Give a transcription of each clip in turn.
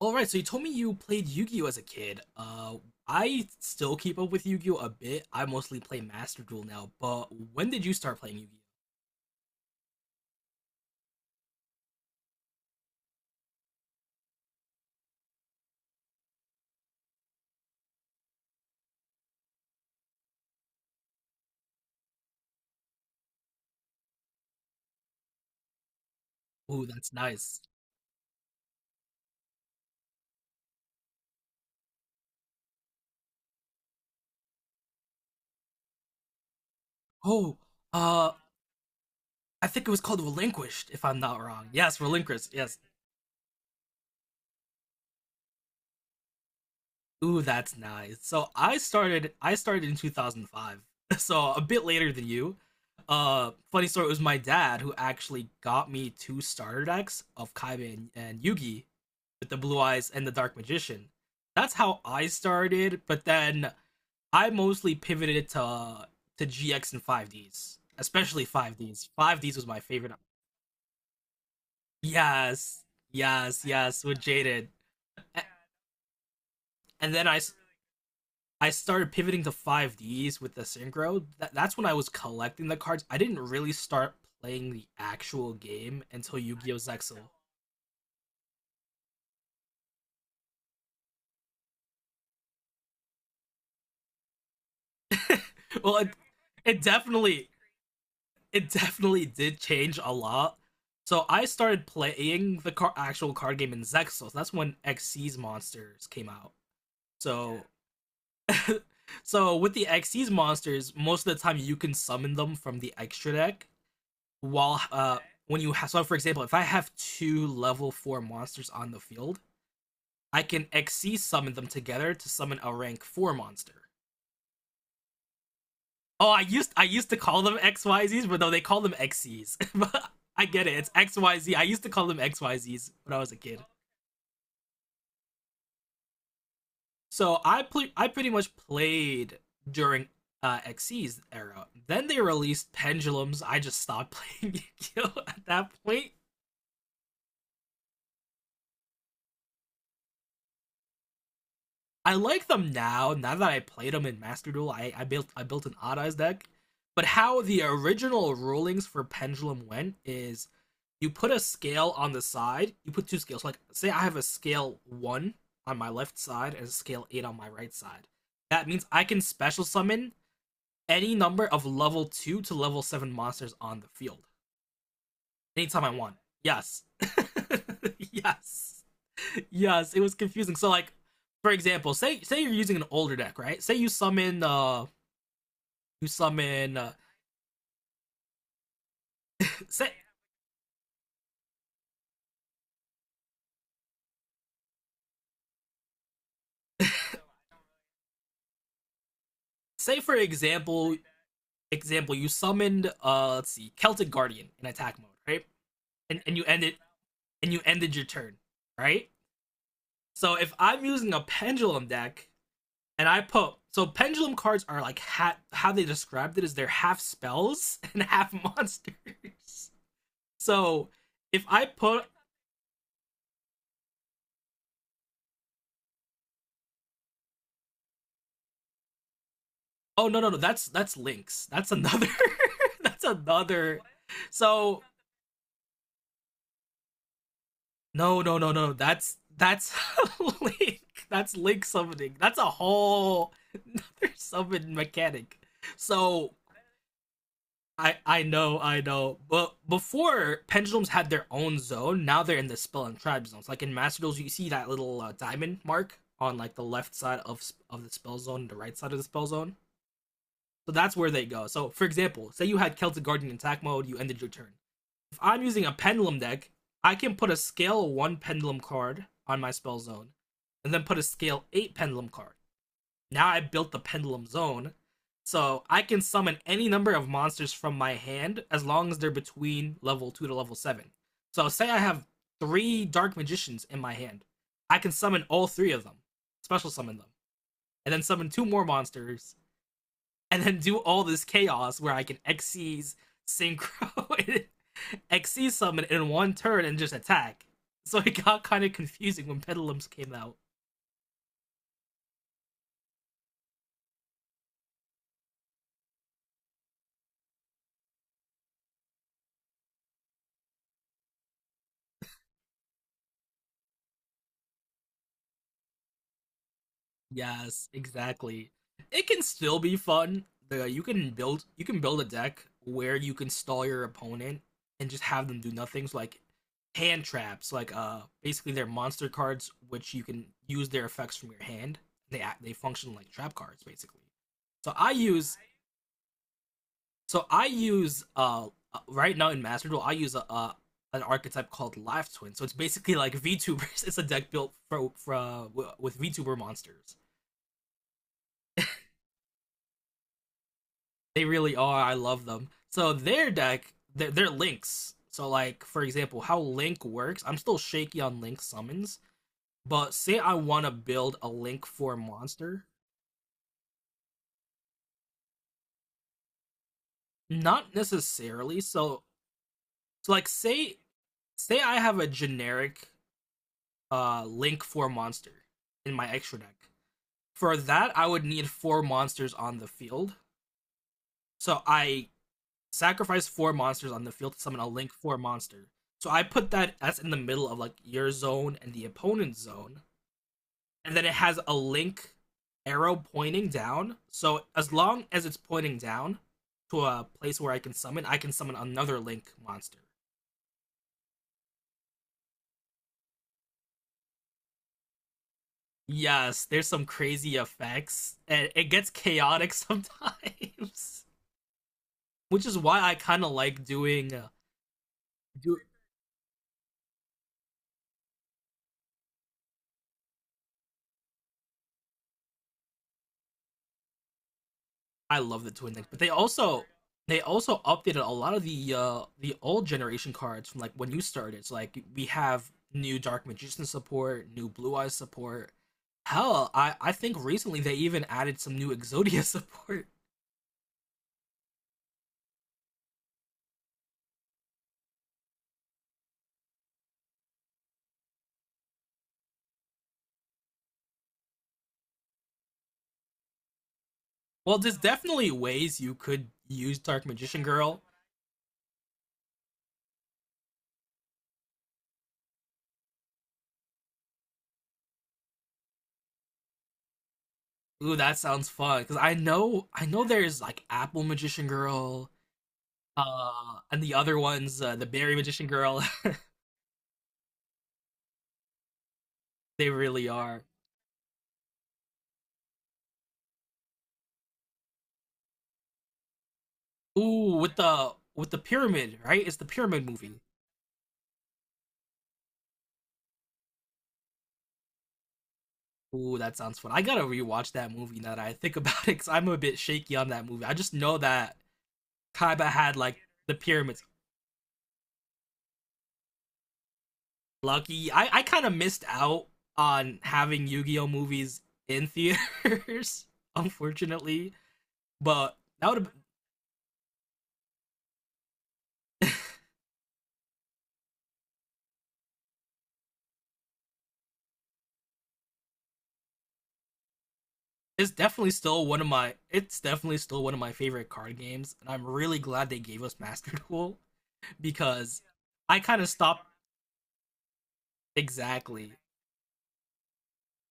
All right, so you told me you played Yu-Gi-Oh as a kid. I still keep up with Yu-Gi-Oh a bit. I mostly play Master Duel now, but when did you start playing Yu-Gi-Oh? Oh, that's nice. Oh, uh, I think it was called Relinquished, if I'm not wrong. Yes, Relinquished. Yes. Ooh, that's nice. So I started in 2005. So a bit later than you. Funny story, it was my dad who actually got me two starter decks of Kaiba and Yugi with the blue eyes and the dark magician. That's how I started, but then I mostly pivoted to GX and 5Ds, especially 5Ds. 5Ds was my favorite. Yes, yes, with Jaded. And then I started pivoting to 5Ds with the synchro. That's when I was collecting the cards. I didn't really start playing the actual game until Yu-Gi-Oh! Zexal. well, it, it definitely it definitely did change a lot. So I started playing the actual card game in Zexos. That's when XC's monsters came out. So yeah. So with the XC's monsters, most of the time you can summon them from the extra deck. While when you have, so for example, if I have two level four monsters on the field, I can XC summon them together to summon a rank four monster. Oh, I used to call them XYZs, but no, they call them XCs. But I get it. It's XYZ. I used to call them XYZs when I was a kid. So I pretty much played during XC's era. Then they released Pendulums. I just stopped playing Yu-Gi-Oh at that point. I like them now. Now that I played them in Master Duel, I built an Odd Eyes deck. But how the original rulings for Pendulum went is you put a scale on the side. You put two scales. Like say I have a scale one on my left side and a scale eight on my right side. That means I can special summon any number of level two to level seven monsters on the field anytime I want. Yes, yes. Yes, it was confusing. So like, for example, say you're using an older deck, right? Say you summon say say for example example you summoned let's see Celtic Guardian in attack mode, right? And and you ended and you ended your turn, right? So if I'm using a pendulum deck and I put, so pendulum cards are like how they described it is they're half spells and half monsters. So if I put. Oh no, that's that's Lynx. That's another that's another, so no that's that's Link. That's Link summoning. That's a whole another summon mechanic. So I know. But before pendulums had their own zone, now they're in the spell and tribe zones. Like in Master Duels, you see that little diamond mark on like the left side of the spell zone and the right side of the spell zone. So that's where they go. So for example, say you had Celtic Guardian in attack mode, you ended your turn. If I'm using a pendulum deck, I can put a scale one pendulum card on my spell zone, and then put a scale eight pendulum card. Now I built the pendulum zone, so I can summon any number of monsters from my hand as long as they're between level two to level seven. So say I have three dark magicians in my hand. I can summon all three of them, special summon them, and then summon two more monsters, and then do all this chaos where I can Xyz, synchro, exceed summon in one turn and just attack. So it got kind of confusing when Pedalums came out. Yes, exactly. It can still be fun. You can build a deck where you can stall your opponent and just have them do nothing. So like hand traps, like basically they're monster cards which you can use their effects from your hand. They function like trap cards basically. So I use right now in Master Duel, I use an archetype called Live Twin. So it's basically like VTubers. It's a deck built for with VTuber monsters. They really are. I love them. So their deck, they're links. So like for example, how Link works. I'm still shaky on Link summons, but say I want to build a Link Four monster, not necessarily. So so like say say I have a generic Link Four monster in my extra deck. For that, I would need four monsters on the field. So I sacrifice four monsters on the field to summon a Link 4 monster. So I put that as in the middle of like your zone and the opponent's zone. And then it has a Link arrow pointing down. So as long as it's pointing down to a place where I can summon another Link monster. Yes, there's some crazy effects, and it gets chaotic sometimes, which is why I kind of like doing do I love the Twin Deck, but they also updated a lot of the old generation cards from like when you started. So like we have new Dark Magician support, new Blue Eyes support. Hell, I think recently they even added some new Exodia support. Well, there's definitely ways you could use Dark Magician Girl. Ooh, that sounds fun because I know there's like Apple Magician Girl, and the other ones, the Berry Magician Girl. they really are. Ooh, with the pyramid, right? It's the pyramid movie. Ooh, that sounds fun. I gotta rewatch that movie now that I think about it, because I'm a bit shaky on that movie. I just know that Kaiba had like the pyramids. Lucky, I kind of missed out on having Yu-Gi-Oh movies in theaters, unfortunately. But that would. It's definitely still one of my favorite card games, and I'm really glad they gave us Master Duel because I kind of stopped exactly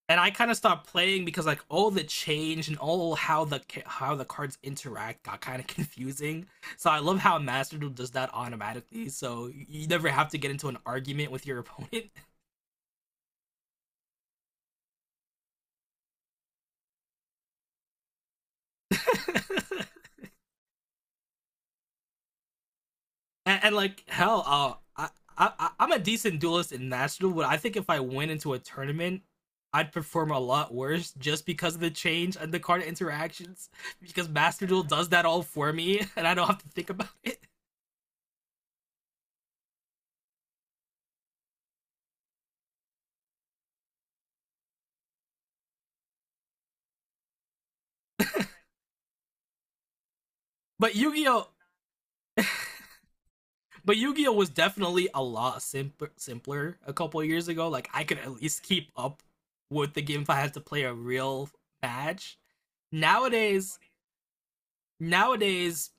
I kind of stopped playing because like all the change and all how the cards interact got kind of confusing. So I love how Master Duel does that automatically, so you never have to get into an argument with your opponent. Like hell, I I'm a decent duelist in Master Duel, but I think if I went into a tournament, I'd perform a lot worse just because of the change and the card interactions because Master Duel does that all for me and I don't have to think about it. But Yu-Gi-Oh But Yu-Gi-Oh was definitely a lot simpler, simpler a couple years ago. Like I could at least keep up with the game if I had to play a real match. Nowadays, nowadays,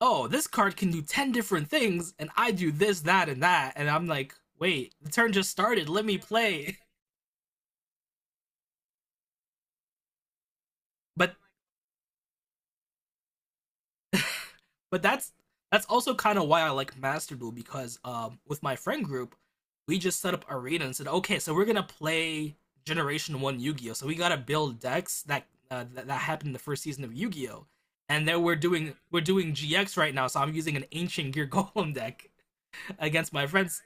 oh, this card can do ten different things, and I do this, that, and that, and I'm like, wait, the turn just started. Let me play. But But that's also kind of why I like Master Duel because with my friend group, we just set up arena and said, okay, so we're gonna play Generation One Yu-Gi-Oh. So we gotta build decks that that happened in the first season of Yu-Gi-Oh. And then we're doing GX right now, so I'm using an Ancient Gear Golem deck against my friends.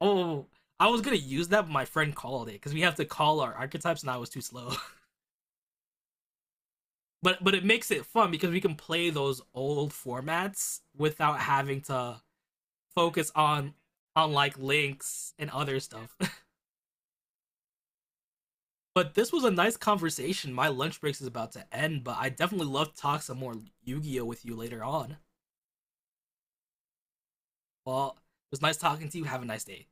Oh, I was gonna use that, but my friend called it because we have to call our archetypes, and I was too slow. But it makes it fun because we can play those old formats without having to focus on like links and other stuff. But this was a nice conversation. My lunch break is about to end, but I definitely love to talk some more Yu-Gi-Oh with you later on. Well, it was nice talking to you. Have a nice day.